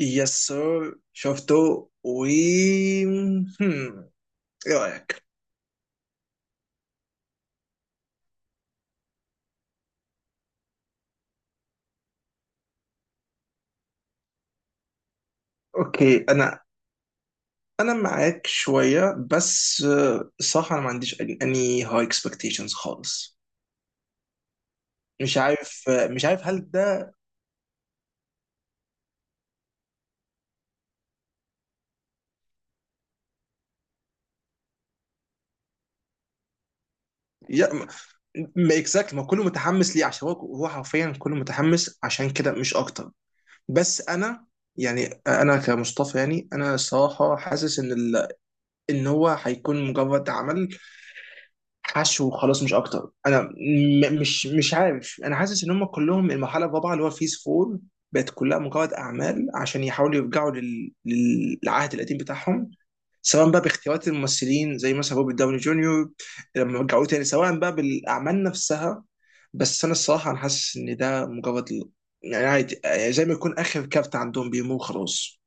يس سر شفته و هم، ايه رايك؟ اوكي، انا معاك شويه بس الصراحه انا ما عنديش اني هاي اكسبكتيشنز خالص. مش عارف مش عارف هل ده يا ما exactly، ما كله متحمس ليه عشان هو حرفيا كله متحمس عشان كده مش اكتر. بس انا يعني انا كمصطفى، يعني انا الصراحه حاسس ان هو هيكون مجرد عمل حشو وخلاص مش اكتر. انا م مش مش عارف، انا حاسس ان هم كلهم المرحله الرابعه اللي هو فيز فور بقت كلها مجرد اعمال عشان يحاولوا يرجعوا للعهد القديم بتاعهم، سواء بقى باختيارات الممثلين زي مثلا روبرت داوني جونيور لما رجعوه تاني، سواء بقى بالاعمال نفسها. بس انا الصراحه انا حاسس ان ده مجرد يعني عادي، يعني زي ما يكون اخر كارت عندهم بيمو خلاص.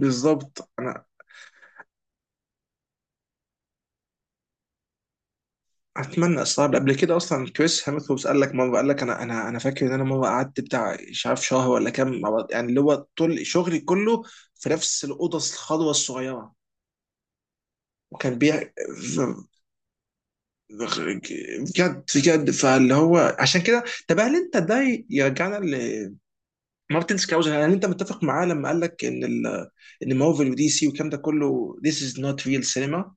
بالظبط. اتمنى. استغرب قبل كده اصلا كريس هيمثوس قال لك مره، قال لك انا انا فاكر ان انا مره قعدت بتاع مش عارف شهر ولا كام يعني اللي هو طول شغلي كله في نفس الاوضه الخضراء الصغيره. وكان بيع بجد بجد، فاللي هو عشان كده. طب هل انت ده يرجعنا لمارتن سكاوزر. هل انت متفق معاه لما قال لك ان مارفل ودي سي والكلام ده كله this is not real cinema؟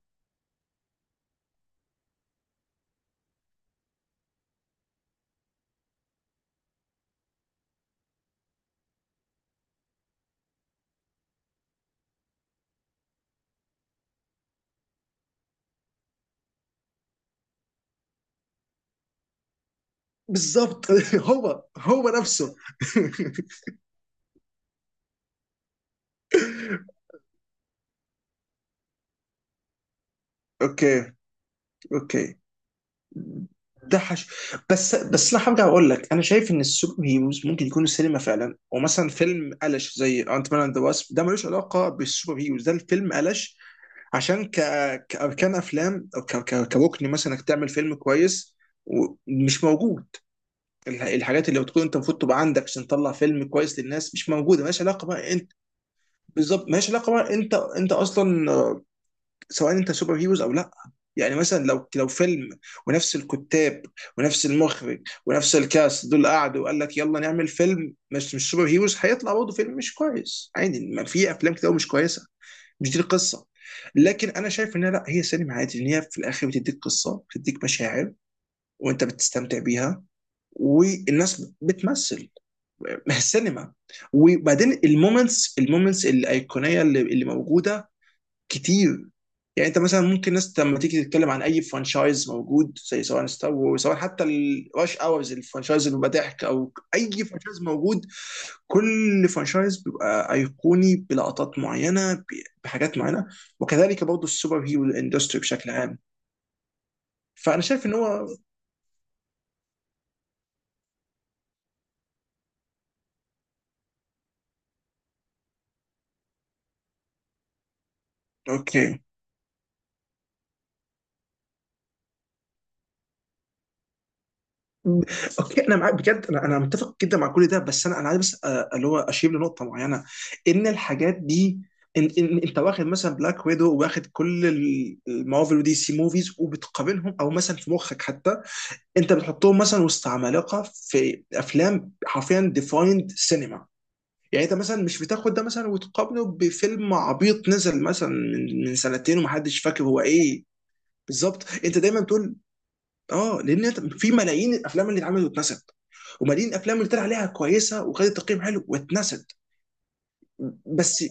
بالظبط. هو هو نفسه. اوكي. اوكي ده حش. بس انا هرجع اقول لك، انا شايف ان السوبر هيروز ممكن يكونوا سينما فعلا، ومثلا فيلم قلش زي انت مان اند واسب ده ملوش علاقه بالسوبر هيروز، ده الفيلم قلش. عشان كاركان افلام، او كركن مثلا انك تعمل فيلم كويس ومش موجود الحاجات اللي بتكون انت المفروض تبقى عندك عشان تطلع فيلم كويس للناس مش موجوده، مالهاش علاقه بقى انت. بالظبط، مالهاش علاقه بقى انت، انت اصلا سواء انت سوبر هيروز او لا. يعني مثلا لو فيلم ونفس الكتاب ونفس المخرج ونفس الكاست دول قعدوا وقال لك يلا نعمل فيلم مش سوبر هيروز، هيطلع برضه فيلم مش كويس عادي. ما في افلام كتير أوي مش كويسه، مش دي القصه. لكن انا شايف ان لا، هي سينما عادي، ان هي في الاخر بتديك قصه، بتديك مشاعر وانت بتستمتع بيها والناس بتمثل. ما هي السينما. وبعدين المومنتس، المومنتس الايقونيه اللي موجوده كتير. يعني انت مثلا ممكن ناس لما تيجي تتكلم عن اي فرانشايز موجود، زي سواء ستار وورز، سواء حتى الراش اورز الفرانشايز اللي بيبقى ضحك، او اي فرانشايز موجود، كل فرانشايز بيبقى ايقوني بلقطات معينه، بحاجات معينه. وكذلك برضه السوبر هيرو اندستري بشكل عام. فانا شايف ان هو اوكي. مم. اوكي انا معاك بجد، انا متفق جدا مع كل ده، بس انا عايز بس اللي هو اشير لنقطه معينه، ان الحاجات دي ان انت واخد مثلا بلاك ويدو، واخد كل المارفل ودي سي موفيز، وبتقابلهم او مثلا في مخك حتى انت بتحطهم مثلا وسط عمالقه في افلام حرفيا ديفايند سينما. يعني انت مثلا مش بتاخد ده مثلا وتقابله بفيلم عبيط نزل مثلا من سنتين ومحدش فاكر هو ايه. بالظبط انت دايما تقول. اه، لان في ملايين الافلام اللي اتعملت واتنست، وملايين الافلام اللي طلع عليها كويسه وخدت تقييم حلو واتنست. بس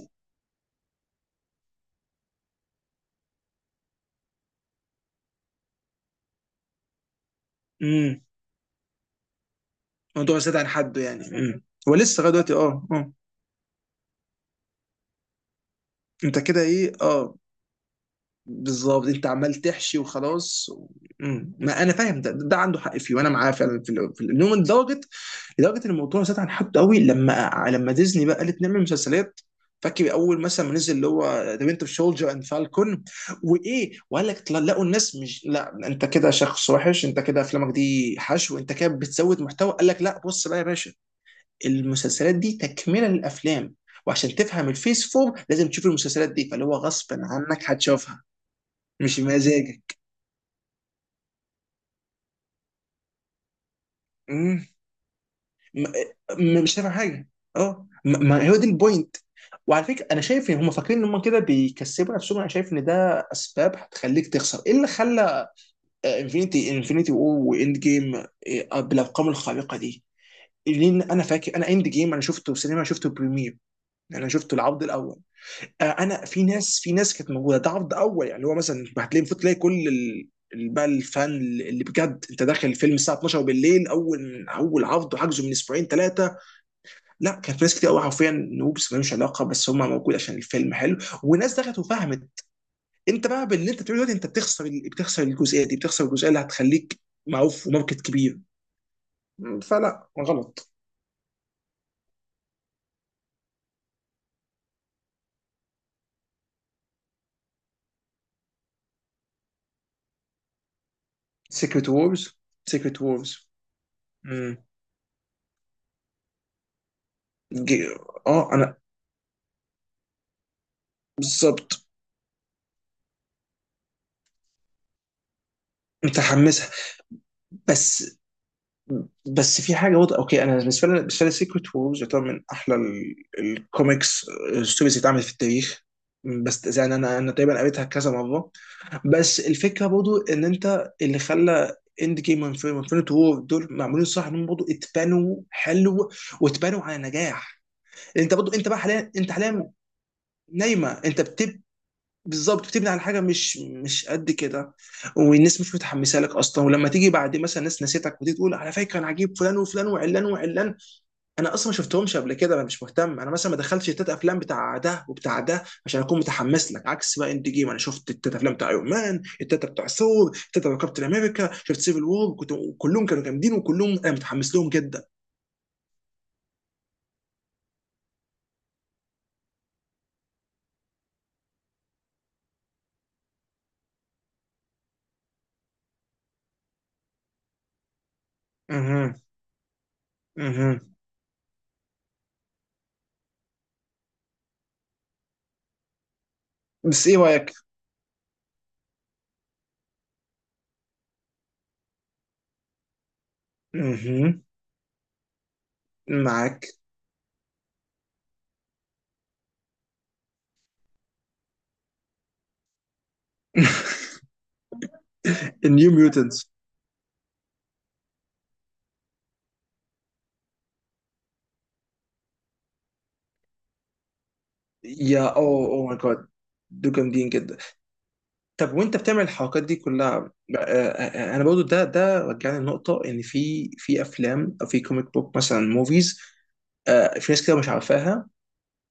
امم الموضوع زاد عن حده يعني، هو لسه لغايه دلوقتي اه اه. انت كده ايه اه. بالظبط انت عمال تحشي وخلاص. مم. ما انا فاهم، ده ده عنده حق فيه وانا معاه فعلا في في اليوم، لدرجه، لدرجه ان الموضوع زاد عن حد قوي لما لما ديزني بقى قالت نعمل مسلسلات. فاكر اول مثلا ما نزل اللي هو ذا وينتر شولجر اند فالكون، وايه؟ وقال لك لقوا الناس مش، لا انت كده شخص وحش، انت كده افلامك دي حشو، انت كده بتزود محتوى. قال لك لا بص بقى يا باشا، المسلسلات دي تكمله للافلام، وعشان تفهم الفيس فور لازم تشوف المسلسلات دي، فاللي هو غصبا عنك هتشوفها مش مزاجك. مم. م- مش فاهم حاجه. اه ما هو دي البوينت. وعلى فكره انا شايف ان هم فاكرين ان هم كده بيكسبوا نفسهم، انا شايف ان ده اسباب هتخليك تخسر. ايه اللي خلى انفينيتي وور واند جيم بالارقام الخارقه دي؟ لان انا فاكر انا اند جيم انا شفته سينما، شفته بريمير، انا شفته العرض الاول. انا في ناس، في ناس كانت موجوده ده عرض اول، يعني اللي هو مثلا هتلاقي المفروض تلاقي كل بقى الفان، اللي بجد انت داخل الفيلم الساعه 12 بالليل، اول اول عرض، وحجزه من اسبوعين ثلاثه. لا كان في ناس كتير قوي حرفيا نوبس ملوش علاقه، بس هم موجود عشان الفيلم حلو وناس دخلت وفهمت. انت بقى باللي انت بتقوله دلوقتي انت بتخسر بتخسر الجزئيه دي، بتخسر الجزئيه اللي هتخليك معروف وماركت كبير. م، فلا غلط. سيكريت وورز. سيكريت وورز. اه انا بالظبط متحمسها. بس بس في حاجه واضحه. اوكي انا بالنسبه لي، بالنسبه لي سيكريت وورز يعتبر من احلى الكوميكس ستوريز اللي اتعملت في التاريخ. بس يعني انا انا تقريبا قريتها كذا مره. بس الفكره برضو ان انت اللي خلى اند جيم وانفينيت وور دول معمولين صح، انهم برضو اتبنوا حلو واتبنوا على نجاح. انت برضو، انت بقى حاليا، انت حاليا نايمه انت. بالظبط بتبني على حاجه مش قد كده، والناس مش متحمسه لك اصلا، ولما تيجي بعد مثلا ناس نسيتك وتيجي تقول على فكره انا عجيب فلان وفلان وعلان وعلان، انا اصلا ما شفتهمش قبل كده، انا مش مهتم. انا مثلا ما دخلتش التلات افلام بتاع ده وبتاع ده عشان اكون متحمس لك. عكس بقى اند جيم، انا شفت التلات افلام بتاع ايرون مان، التلات بتاع ثور، التلات بتاع كابتن امريكا، شفت سيفل وور، كنت، كلهم كانوا جامدين وكلهم انا متحمس لهم جدا. اها. اها. بس ايه رايك؟ اها. معاك. النيو ميوتنتس. يا اوه اوه ماي جاد، دول جامدين جدا. طب وانت بتعمل الحركات دي كلها. انا برضو ده ده رجعني لنقطه ان في افلام او في كوميك بوك مثلا موفيز، في ناس كده مش عارفاها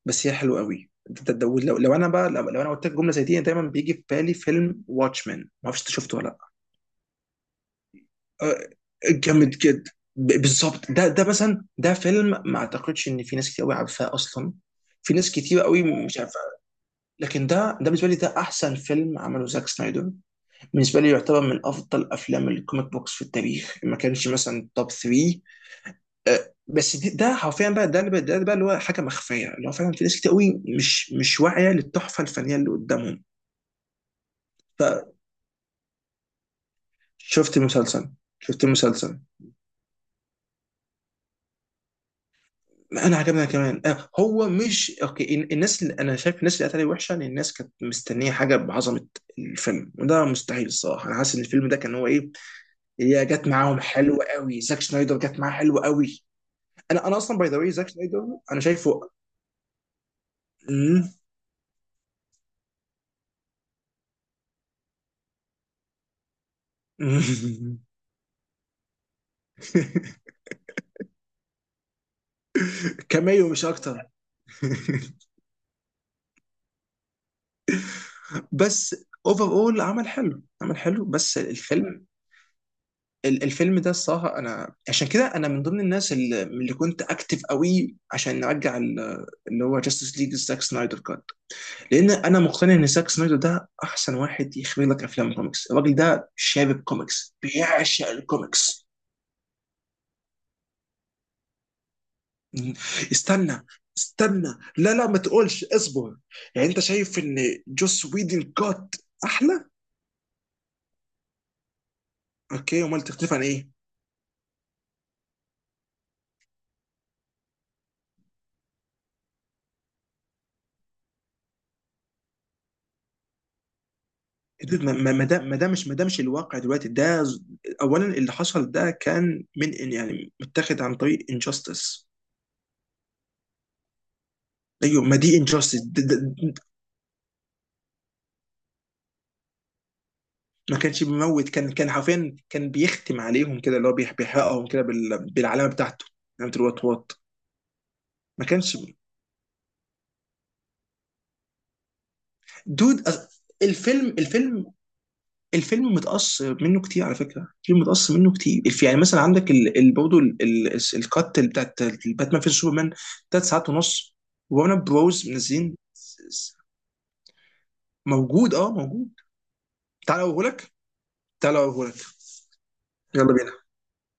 بس هي حلوه قوي. لو انا بقى، لو انا قلت لك جمله زي دي، أنا دايما بيجي في بالي فيلم واتشمان، ما اعرفش انت شفته ولا لا. آه، جامد جدا. بالظبط ده ده مثلا، ده فيلم ما اعتقدش ان في ناس كتير قوي عارفاه اصلا، في ناس كتير قوي مش عارفه. لكن ده ده بالنسبه لي ده احسن فيلم عمله زاك سنايدر. بالنسبه لي يعتبر من افضل افلام الكوميك بوكس في التاريخ، ما كانش مثلا توب 3. أه، بس ده حرفيا بقى، ده ده بقى اللي هو حاجه مخفيه، اللي هو فعلا في ناس كتير قوي مش واعيه للتحفه الفنيه اللي قدامهم. شفت المسلسل. شفت المسلسل. ما انا عجبنا كمان. هو مش اوكي الناس اللي انا شايف، الناس اللي قالت عليه وحشه ان الناس كانت مستنيه حاجه بعظمه الفيلم، وده مستحيل الصراحه. انا حاسس ان الفيلم ده كان هو ايه، هي جت معاهم حلوه قوي، زاك شنايدر جت معاه حلوه قوي. انا اصلا باي ذا واي زاك شنايدر انا شايفه. مم. مم. كاميو مش اكتر. بس اوفر اول عمل حلو، عمل حلو. بس الفيلم، الفيلم ده الصراحه، انا عشان كده انا من ضمن الناس اللي كنت اكتف قوي عشان نرجع اللي هو جاستس ليج زاك سنايدر كات. لان انا مقتنع ان زاك سنايدر ده احسن واحد يخرج لك افلام كوميكس. الراجل ده شارب كوميكس، بيعشق الكوميكس. استنى، استنى، لا لا ما تقولش، اصبر. يعني انت شايف ان جوس ويدن كات احلى؟ اوكي امال تختلف عن ايه؟ ما ما ما ده ما ده مش ما ده مش الواقع دلوقتي اولا اللي حصل ده كان يعني متاخد عن طريق انجاستس. ايوه ما دي انجاستس. ما كانش بيموت، كان كان حرفيا كان بيختم عليهم كده، اللي هو بيحرقهم كده بالعلامه بتاعته، علامه الوات وات. ما كانش. دود الفيلم، الفيلم، الفيلم متقص منه كتير على فكره، الفيلم متقص منه كتير. يعني مثلا عندك برضه الكات اللي بتاعت باتمان في سوبرمان ثلاث ساعات ونص، وانا بروز منزلين موجود، اه موجود. تعال اوريهولك، تعال اوريهولك. يلا بينا.